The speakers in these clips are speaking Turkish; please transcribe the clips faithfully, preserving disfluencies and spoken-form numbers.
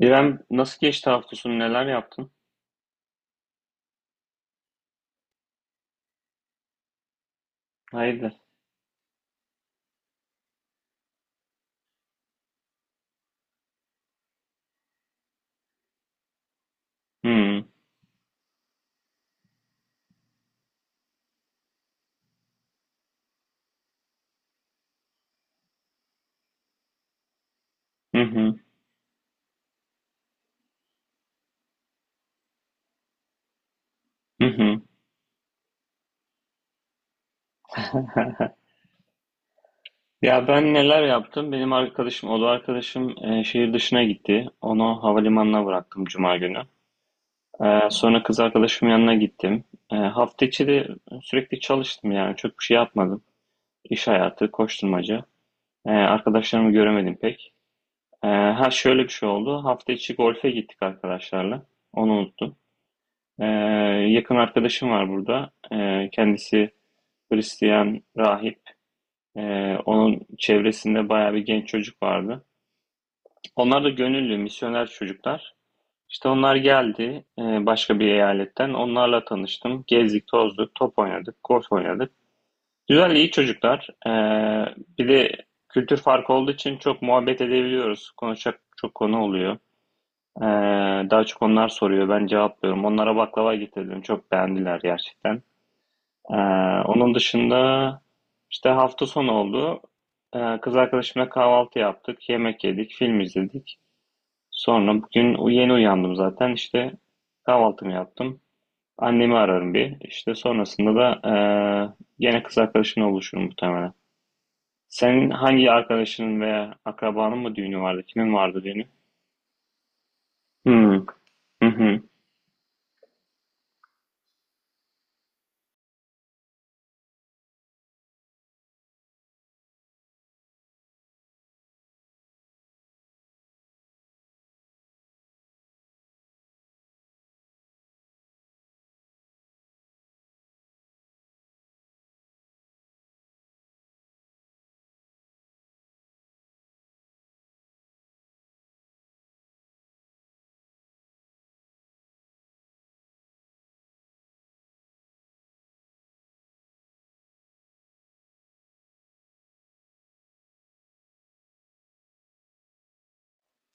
İrem nasıl geçti hafta sonu, neler yaptın? Hayırdır? Hmm. Hı hı. Hı hı. Ya ben neler yaptım? Benim arkadaşım, oda arkadaşım e, şehir dışına gitti. Onu havalimanına bıraktım Cuma günü. E, sonra kız arkadaşımın yanına gittim. E, hafta içi de sürekli çalıştım yani. Çok bir şey yapmadım. İş hayatı, koşturmaca. E, arkadaşlarımı göremedim pek. E, ha, şöyle bir şey oldu. Hafta içi golfe gittik arkadaşlarla. Onu unuttum. E, Yakın arkadaşım var burada. E, kendisi Hristiyan rahip. E, Onun çevresinde bayağı bir genç çocuk vardı. Onlar da gönüllü, misyoner çocuklar. İşte onlar geldi e, başka bir eyaletten. Onlarla tanıştım. Gezdik, tozduk, top oynadık, golf oynadık. Güzel, iyi çocuklar. E, bir de kültür farkı olduğu için çok muhabbet edebiliyoruz. Konuşacak çok konu oluyor. E, Daha çok onlar soruyor, ben cevaplıyorum. Onlara baklava getirdim. Çok beğendiler gerçekten. Ee, Onun dışında işte hafta sonu oldu. Ee, kız arkadaşımla kahvaltı yaptık, yemek yedik, film izledik. Sonra bugün u- yeni uyandım zaten. İşte kahvaltımı yaptım. Annemi ararım bir. İşte sonrasında da ee, gene kız arkadaşımla buluşurum muhtemelen. Senin hangi arkadaşının veya akrabanın mı düğünü vardı? Kimin vardı düğünü? Hmm. Hı hı.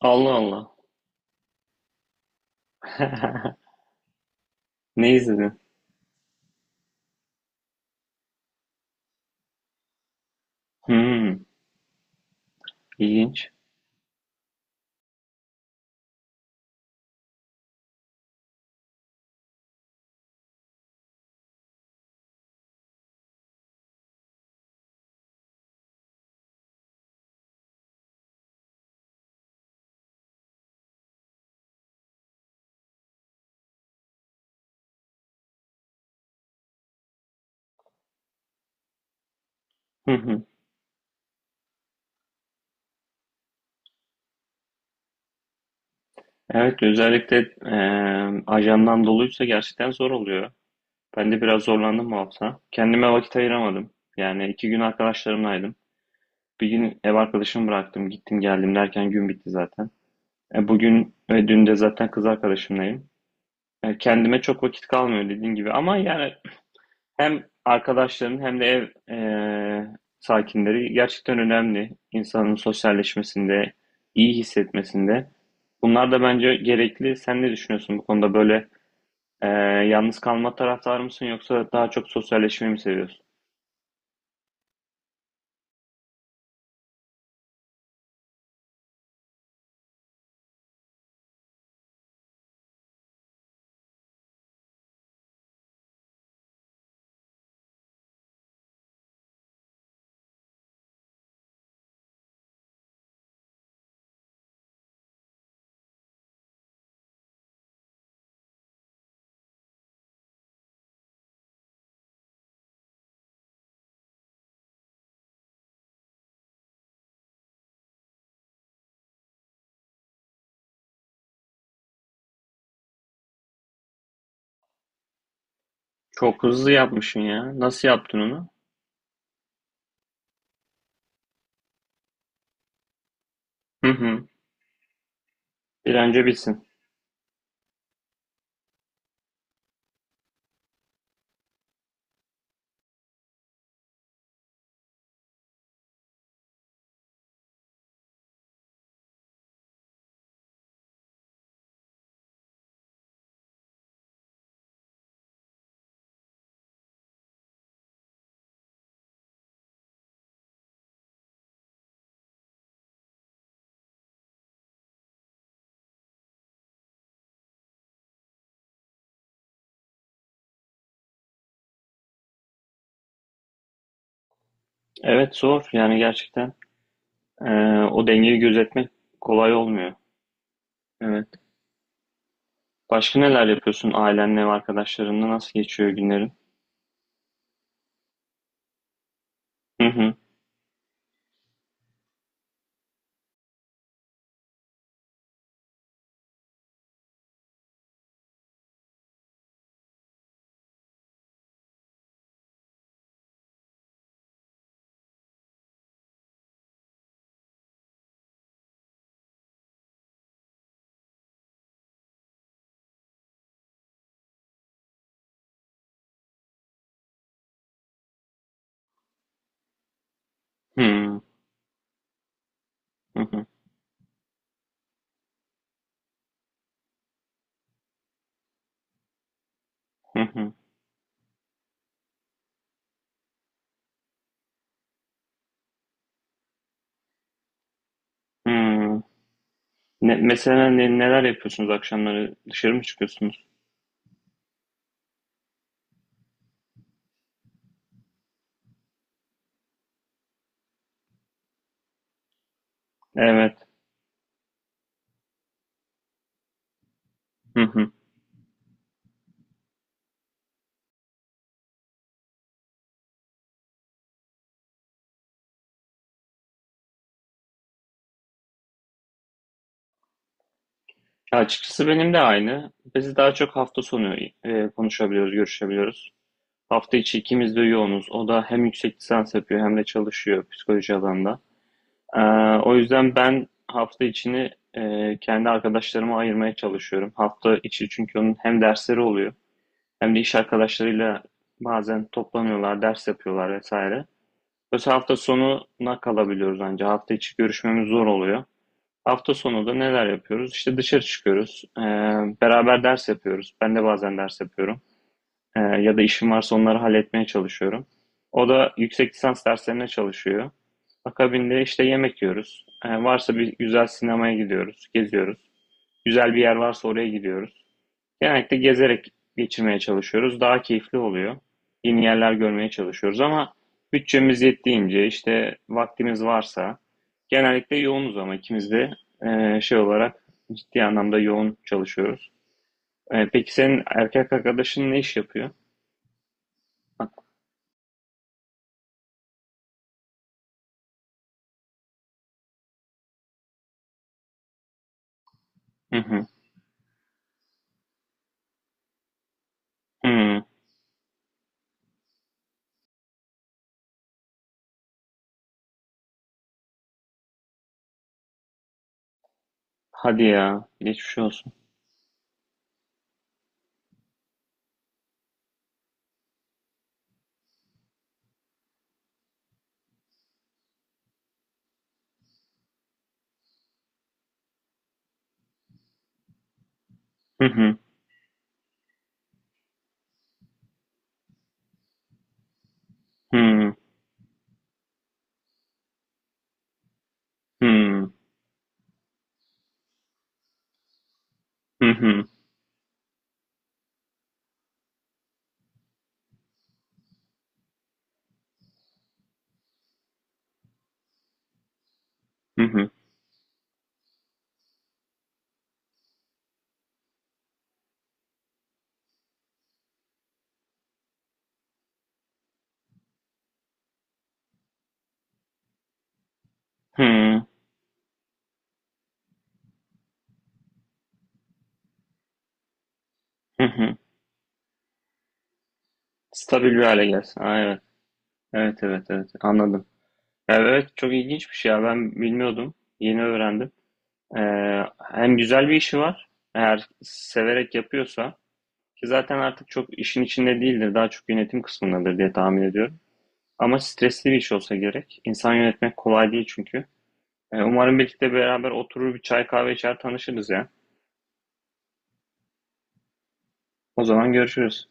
Allah Allah. Ne izledin? Hmm, ilginç. Evet, özellikle eee ajandan doluysa gerçekten zor oluyor. Ben de biraz zorlandım bu hafta. Kendime vakit ayıramadım. Yani iki gün arkadaşlarımlaydım. Bir gün ev arkadaşımı bıraktım, gittim geldim derken gün bitti zaten. E, bugün ve dün de zaten kız arkadaşımlayım. E, kendime çok vakit kalmıyor dediğin gibi. Ama yani hem arkadaşların hem de ev eee, sakinleri gerçekten önemli. İnsanın sosyalleşmesinde, iyi hissetmesinde. Bunlar da bence gerekli. Sen ne düşünüyorsun bu konuda böyle? Ee, Yalnız kalma taraftarı mısın, yoksa daha çok sosyalleşmeyi mi seviyorsun? Çok hızlı yapmışsın ya. Nasıl yaptın onu? Hı hı. Bir an önce bitsin. Evet, zor yani gerçekten. Ee, O dengeyi gözetmek kolay olmuyor. Evet. Başka neler yapıyorsun ailenle ve arkadaşlarınla? Nasıl geçiyor günlerin? Hı hı. Hı hı. Hı hı. Hı. Hı. Ne, mesela ne- neler yapıyorsunuz akşamları? Dışarı mı çıkıyorsunuz? Evet. Hı hı. Açıkçası benim de aynı. Biz daha çok hafta sonu e, konuşabiliyoruz, görüşebiliyoruz. Hafta içi ikimiz de yoğunuz. O da hem yüksek lisans yapıyor hem de çalışıyor psikoloji alanında. Ee, O yüzden ben hafta içini e, kendi arkadaşlarıma ayırmaya çalışıyorum. Hafta içi çünkü onun hem dersleri oluyor hem de iş arkadaşlarıyla bazen toplanıyorlar, ders yapıyorlar vesaire. Mesela hafta sonuna kalabiliyoruz ancak. Hafta içi görüşmemiz zor oluyor. Hafta sonu da neler yapıyoruz? İşte dışarı çıkıyoruz. Ee, beraber ders yapıyoruz. Ben de bazen ders yapıyorum. Ee, ya da işim varsa onları halletmeye çalışıyorum. O da yüksek lisans derslerine çalışıyor. Akabinde işte yemek yiyoruz. Ee, varsa bir güzel sinemaya gidiyoruz, geziyoruz. Güzel bir yer varsa oraya gidiyoruz. Genellikle gezerek geçirmeye çalışıyoruz. Daha keyifli oluyor. Yeni yerler görmeye çalışıyoruz ama bütçemiz yettiğince, işte vaktimiz varsa. Genellikle yoğunuz ama ikimiz de e, şey olarak ciddi anlamda yoğun çalışıyoruz. E, peki senin erkek arkadaşın ne iş yapıyor? Hı hı. Hıı. Hadi ya. Geçmiş olsun. Hı hı. Hı. Hıı. Hı hı. Hı hı. Hıı. Hı hı. Stabil bir hâle gelsin. A, evet. Evet, evet, evet. Anladım. Ya, evet, çok ilginç bir şey ya. Ben bilmiyordum. Yeni öğrendim. Eee, Hem güzel bir işi var, eğer severek yapıyorsa, ki zaten artık çok işin içinde değildir, daha çok yönetim kısmındadır diye tahmin ediyorum. Ama stresli bir iş olsa gerek. İnsan yönetmek kolay değil çünkü. Eee, umarım birlikte beraber oturur, bir çay kahve içer, tanışırız ya. O zaman görüşürüz.